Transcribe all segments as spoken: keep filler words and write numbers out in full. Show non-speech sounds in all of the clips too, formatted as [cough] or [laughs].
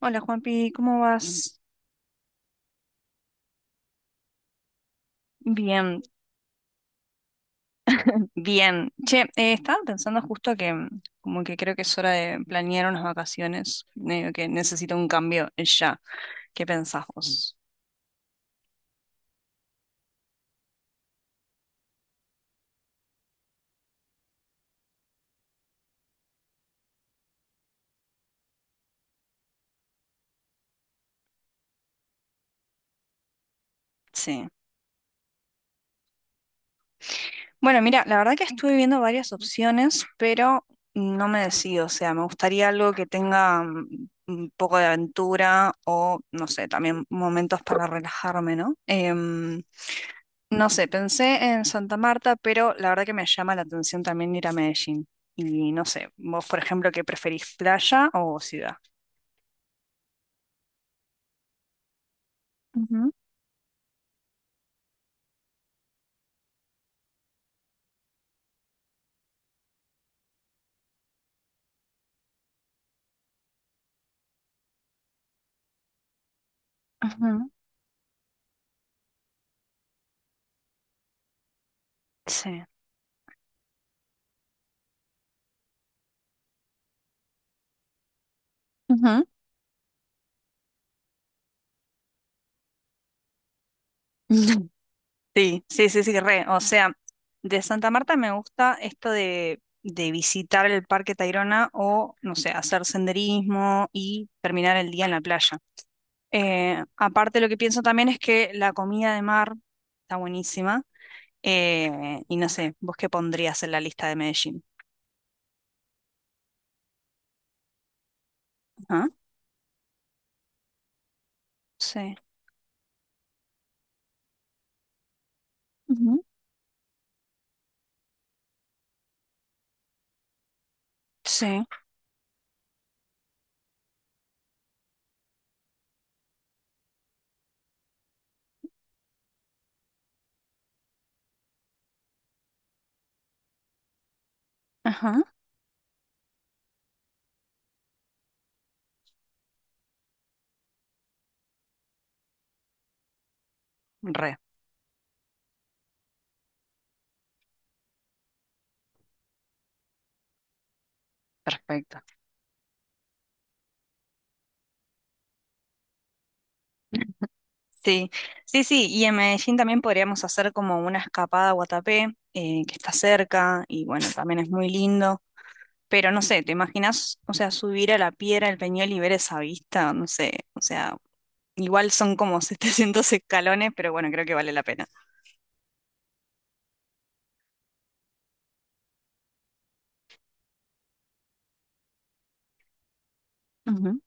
Hola Juanpi, ¿cómo vas? Bien, bien. Che, eh, estaba pensando justo que mm, como que creo que es hora de planear unas vacaciones, medio que necesito un cambio ya. ¿Qué pensás vos? Sí. Bueno, mira, la verdad que estuve viendo varias opciones, pero no me decido. O sea, me gustaría algo que tenga mm, un poco de aventura o, no sé, también momentos para relajarme, ¿no? Em, No sé, pensé en Santa Marta, pero la verdad que me llama la atención también ir a Medellín. Y no sé, vos, por ejemplo, ¿qué preferís, playa o ciudad? Ujú, ujú, sí. Ujú. [laughs] Sí, sí, sí, sí, re. O sea, de Santa Marta me gusta esto de, de visitar el Parque Tayrona o, no sé, hacer senderismo y terminar el día en la playa. Eh, aparte, lo que pienso también es que la comida de mar está buenísima. Eh, y no sé, ¿vos qué pondrías en la lista de Medellín? Ajá, sí. Ujú, sí. Ajá. Re, perfecto. Sí, sí, sí. Y en Medellín también podríamos hacer como una escapada a Guatapé, eh, que está cerca y bueno, también es muy lindo. Pero no sé, ¿te imaginas, o sea, subir a la piedra del Peñol y ver esa vista? No sé, o sea, igual son como [laughs] setecientos escalones, pero bueno, creo que vale la pena. Ujú,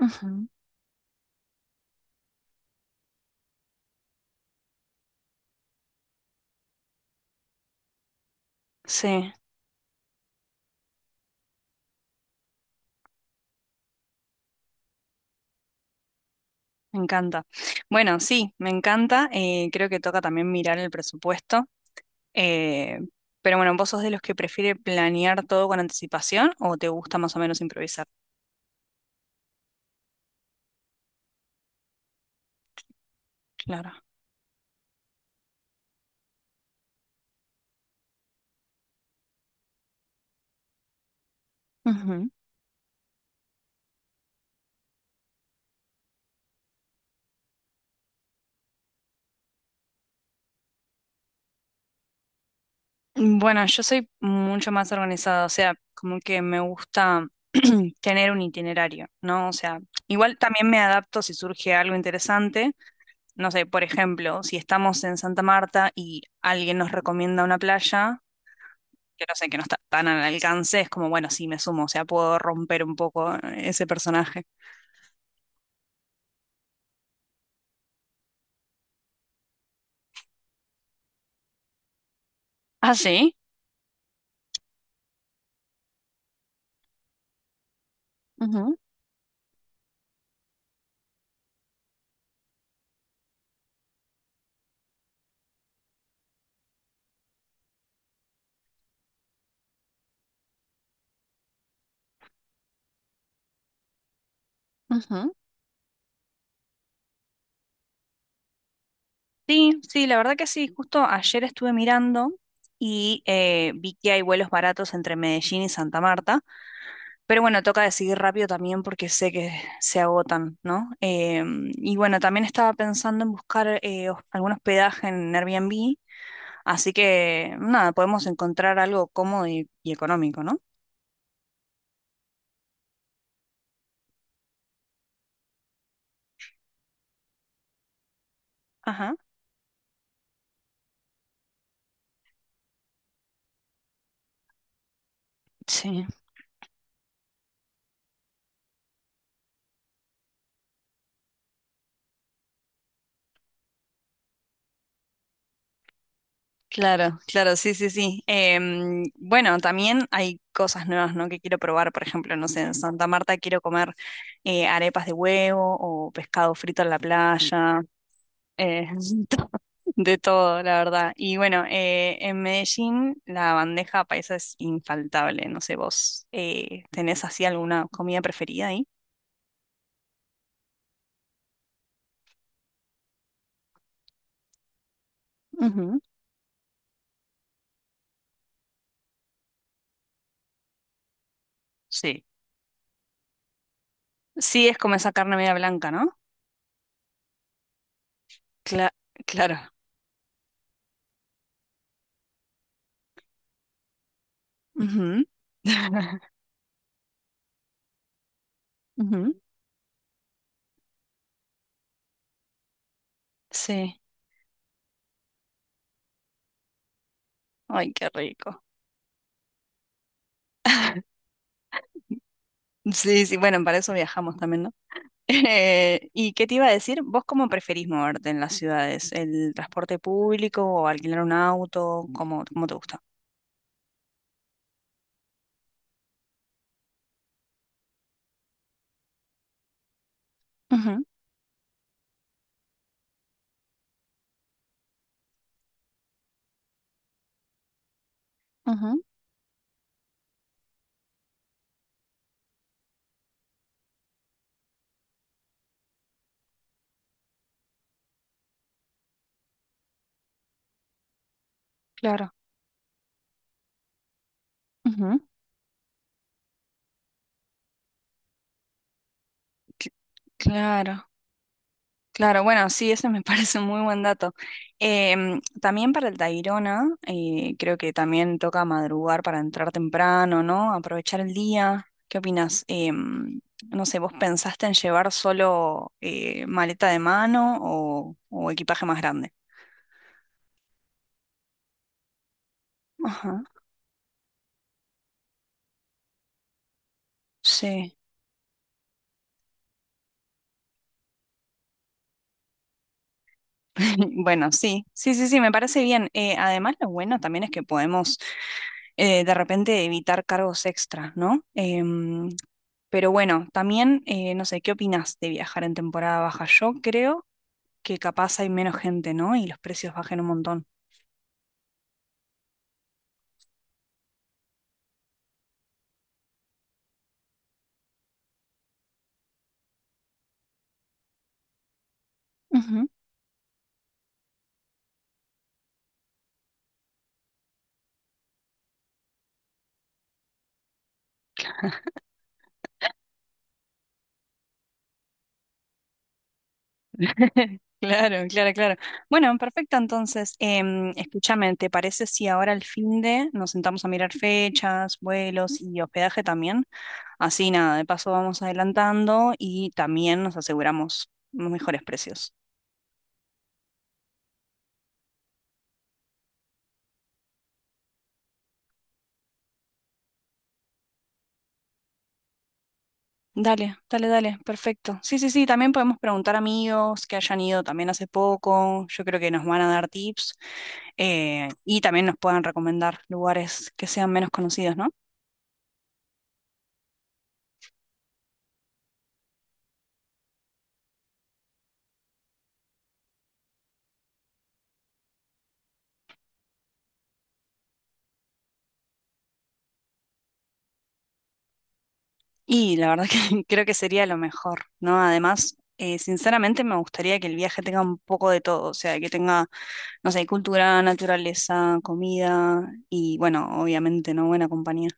ujú, sí. Me encanta. Bueno, sí, me encanta. Eh, creo que toca también mirar el presupuesto. eh, pero bueno, ¿vos sos de los que prefiere planear todo con anticipación o te gusta más o menos improvisar? Claro. Ujú. Bueno, yo soy mucho más organizada, o sea, como que me gusta [clears throat] tener un itinerario, ¿no? O sea, igual también me adapto si surge algo interesante. No sé, por ejemplo, si estamos en Santa Marta y alguien nos recomienda una playa que no sé, que no está tan al alcance, es como, bueno, sí, me sumo. O sea, puedo romper un poco eh, ese personaje. Ah, sí. Ujú, ujú. Sí, sí, la verdad que sí, justo ayer estuve mirando y eh, vi que hay vuelos baratos entre Medellín y Santa Marta, pero bueno, toca decidir rápido también porque sé que se agotan, ¿no? Em, y bueno, también estaba pensando en buscar eh, hos- algún hospedaje en Airbnb, así que nada, podemos encontrar algo cómodo y, y económico, ¿no? Ajá. Sí. Claro, claro, sí, sí, sí. Em, bueno, también hay cosas nuevas, ¿no? Que quiero probar, por ejemplo, no sé, en Santa Marta quiero comer eh, arepas de huevo o pescado frito en la playa, eh, [laughs] to- de todo, la verdad. Y bueno, eh, en Medellín la bandeja paisa es infaltable. No sé, vos eh, ¿tenés así alguna comida preferida ahí? Ujú. Sí, sí, es como esa carne media blanca, ¿no? cla- claro. Ujú. [laughs] Ujú. Sí. Ay, qué rico. [laughs] Sí, sí, bueno, para eso viajamos también, ¿no? [laughs] Eh, ¿y qué te iba a decir? ¿Vos cómo preferís moverte en las ciudades? ¿El transporte público o alquilar un auto? ¿Cómo, cómo te gusta? Ujú, ujú, claro. Ujú, cl- claro. Claro, bueno, sí, ese me [laughs] parece un muy buen dato. Em, también para el Tayrona, eh, creo que también toca madrugar para entrar temprano, ¿no? Aprovechar el día. ¿Qué opinas? Em, no sé, ¿vos pensaste en llevar solo eh, maleta de mano o, o equipaje más grande? Ajá, sí. [laughs] Bueno, sí, sí, sí, sí, me parece bien. Eh, además, lo bueno también es que podemos eh, de repente evitar cargos extras, ¿no? Em, Pero bueno, también, eh, no sé, ¿qué opinas de viajar en temporada baja? Yo creo que capaz hay menos gente, ¿no? Y los precios bajen un montón. Ujú. [laughs] Claro, claro, claro. Bueno, perfecto. Entonces, em, escúchame, ¿te parece si ahora al fin de nos sentamos a mirar fechas, vuelos y hospedaje también? Así nada, de paso vamos adelantando y también nos aseguramos los mejores precios. Dale, dale, dale, perfecto. Sí, sí, sí, también podemos preguntar a amigos que hayan ido también hace poco. Yo creo que nos van a dar tips eh, y también nos puedan recomendar lugares que sean menos conocidos, ¿no? Y la verdad que [laughs] creo que sería lo mejor, ¿no? Además, eh, sinceramente me gustaría que el viaje tenga un poco de todo, o sea, que tenga, no sé, cultura, naturaleza, comida y, bueno, obviamente, ¿no? Buena compañía.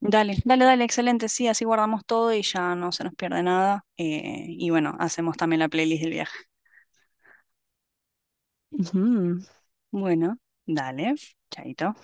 Dale, dale, dale, excelente. Sí, así guardamos todo y ya no se nos pierde nada. Eh, y bueno, hacemos también la playlist del viaje. Ujú. Bueno, dale, chaito.